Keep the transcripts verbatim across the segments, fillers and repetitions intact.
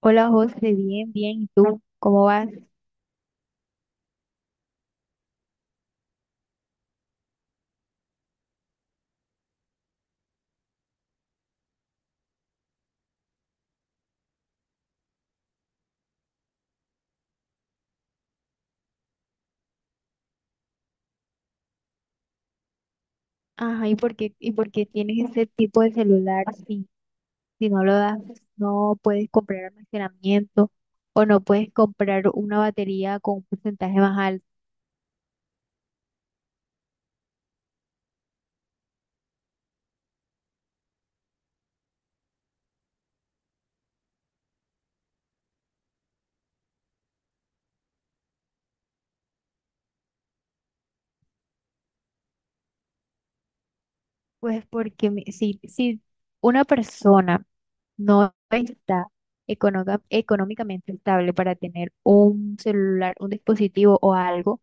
Hola José, bien, bien. ¿Y tú cómo vas? Ajá, ¿y por qué, y por qué tienes ese tipo de celular si, si no lo das, no puedes comprar almacenamiento o no puedes comprar una batería con un porcentaje más alto? Pues porque mi- si, si una persona no está económica- económicamente estable para tener un celular, un dispositivo o algo,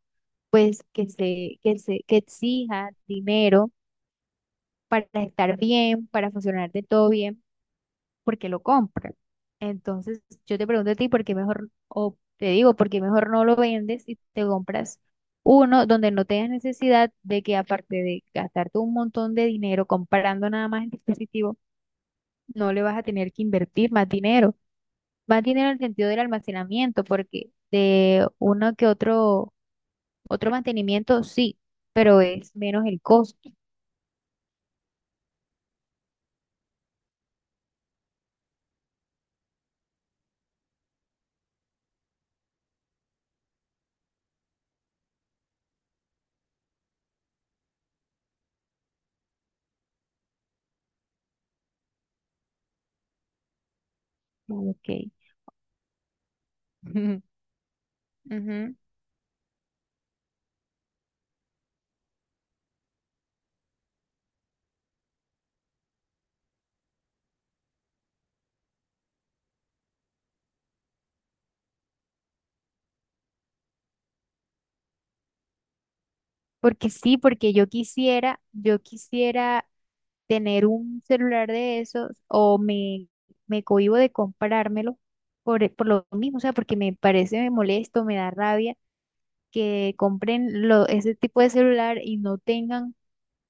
pues que se, que se, que exija dinero para estar bien, para funcionar de todo bien porque lo compran. Entonces, yo te pregunto a ti, ¿por qué mejor, o te digo, ¿por qué mejor no lo vendes y te compras uno donde no tengas necesidad de que aparte de gastarte un montón de dinero comprando nada más el dispositivo, no le vas a tener que invertir más dinero? Más dinero en el sentido del almacenamiento, porque de uno que otro, otro mantenimiento sí, pero es menos el costo. Ok. Ujú. Porque sí, porque yo quisiera, yo quisiera tener un celular de esos o me, me cohíbo de comprármelo por, por lo mismo, o sea, porque me parece, me molesto, me da rabia que compren lo, ese tipo de celular y no tengan,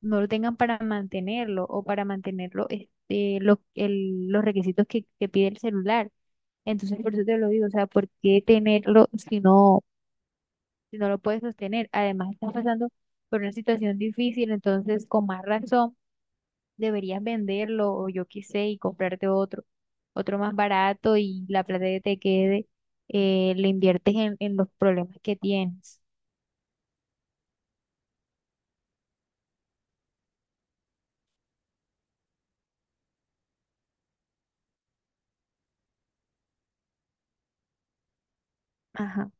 no lo tengan para mantenerlo o para mantenerlo este, lo- el- los requisitos que, que pide el celular. Entonces, por eso te lo digo, o sea, ¿por qué tenerlo si no, si no lo puedes sostener? Además, estás pasando por una situación difícil, entonces, con más razón deberías venderlo o yo qué sé y comprarte otro, otro más barato y la plata que te quede, eh, le inviertes en, en los problemas que tienes. Ajá.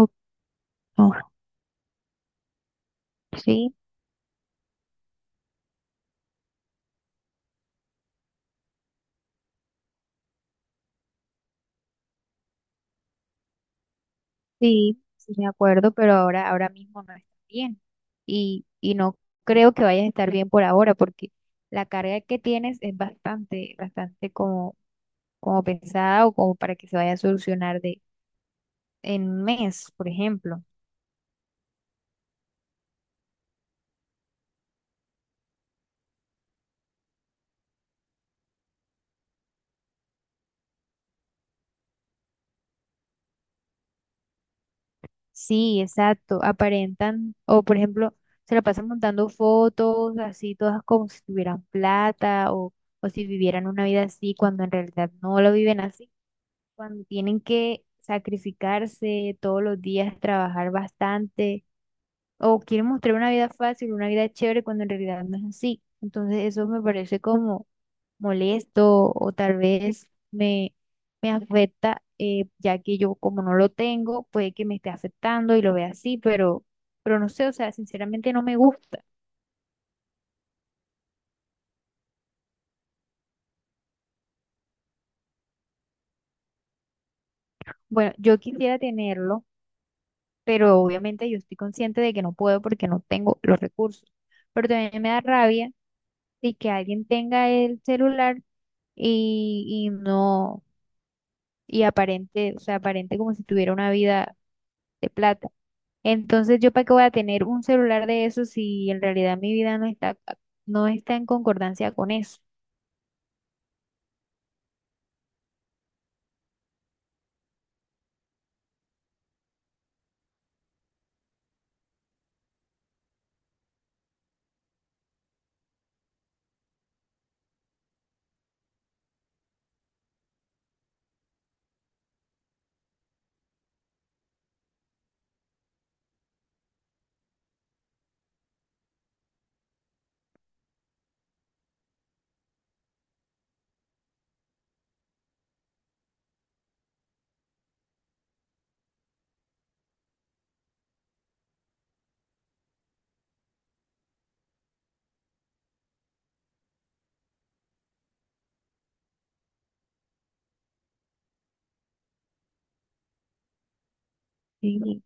O- o- sí, sí, sí me acuerdo, pero ahora, ahora mismo no está bien. Y, y no creo que vayas a estar bien por ahora porque la carga que tienes es bastante, bastante como, como pensada o como para que se vaya a solucionar de en un mes, por ejemplo. Sí, exacto. Aparentan, o por ejemplo, se la pasan montando fotos así todas como si tuvieran plata o, o si vivieran una vida así cuando en realidad no lo viven así, cuando tienen que sacrificarse todos los días, trabajar bastante o quieren mostrar una vida fácil, una vida chévere cuando en realidad no es así. Entonces eso me parece como molesto o tal vez me, me afecta, eh, ya que yo como no lo tengo, puede que me esté afectando y lo vea así, pero, pero no sé, o sea, sinceramente no me gusta. Bueno, yo quisiera tenerlo, pero obviamente yo estoy consciente de que no puedo porque no tengo los recursos. Pero también me da rabia de que alguien tenga el celular y, y no, y aparente, o sea, aparente como si tuviera una vida de plata. Entonces, ¿yo para qué voy a tener un celular de eso si en realidad mi vida no está, no está en concordancia con eso? Sí,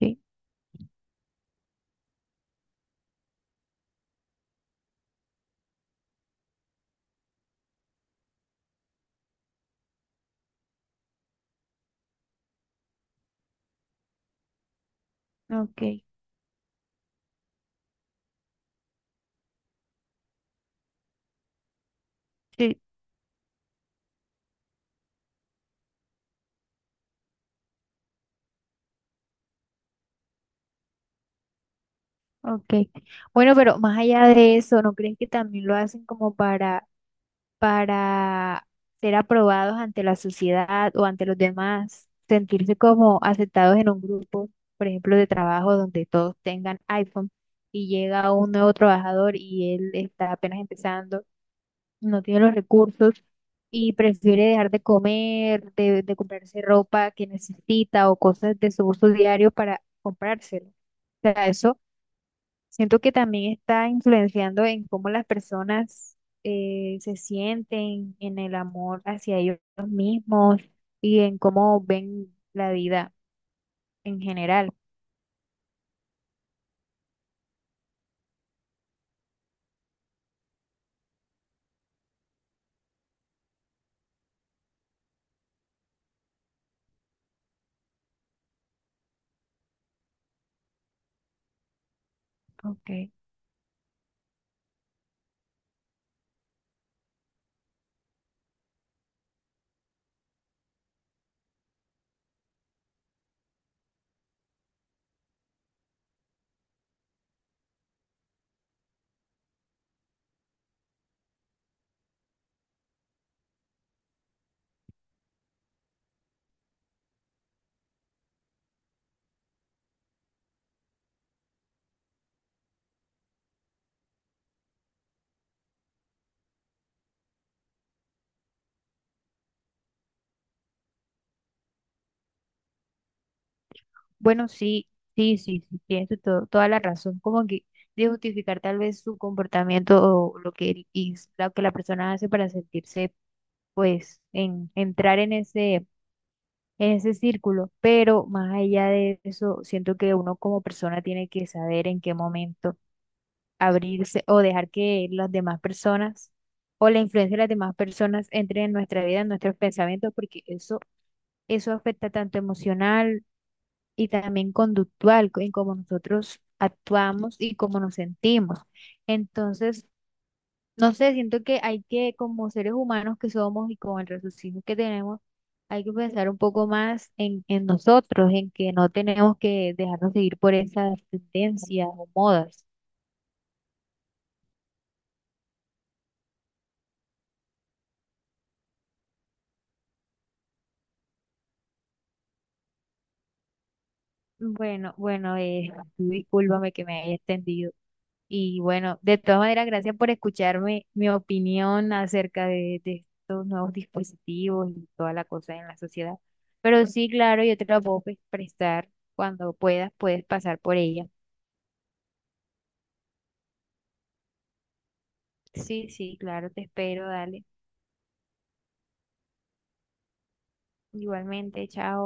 sí, ok, sí, ok. Bueno, pero más allá de eso, ¿no creen que también lo hacen como para, para ser aprobados ante la sociedad o ante los demás? Sentirse como aceptados en un grupo, por ejemplo, de trabajo donde todos tengan iPhone y llega un nuevo trabajador y él está apenas empezando, no tiene los recursos y prefiere dejar de comer, de, de comprarse ropa que necesita o cosas de su uso diario para comprárselo. O sea, eso siento que también está influenciando en cómo las personas eh, se sienten en el amor hacia ellos mismos y en cómo ven la vida en general. Ok. Bueno, sí, sí, sí, sí, tienes to- to- toda la razón. Como que de justificar tal vez su comportamiento o lo que, él hiz- lo que la persona hace para sentirse, pues, en entrar en ese, en ese círculo. Pero más allá de eso, siento que uno como persona tiene que saber en qué momento abrirse o dejar que las demás personas o la influencia de las demás personas entren en nuestra vida, en nuestros pensamientos, porque eso, eso afecta tanto emocional y también conductual, co- en cómo nosotros actuamos y cómo nos sentimos. Entonces, no sé, siento que hay que, como seres humanos que somos y con el raciocinio que tenemos, hay que pensar un poco más en, en nosotros, en que no tenemos que dejarnos seguir por esas tendencias o modas. Bueno, bueno, eh, tú discúlpame que me haya extendido. Y bueno, de todas maneras, gracias por escucharme mi opinión acerca de, de estos nuevos dispositivos y toda la cosa en la sociedad. Pero sí, claro, yo te la puedo pues, prestar cuando puedas, puedes pasar por ella. Sí, sí, claro, te espero, dale. Igualmente, chao.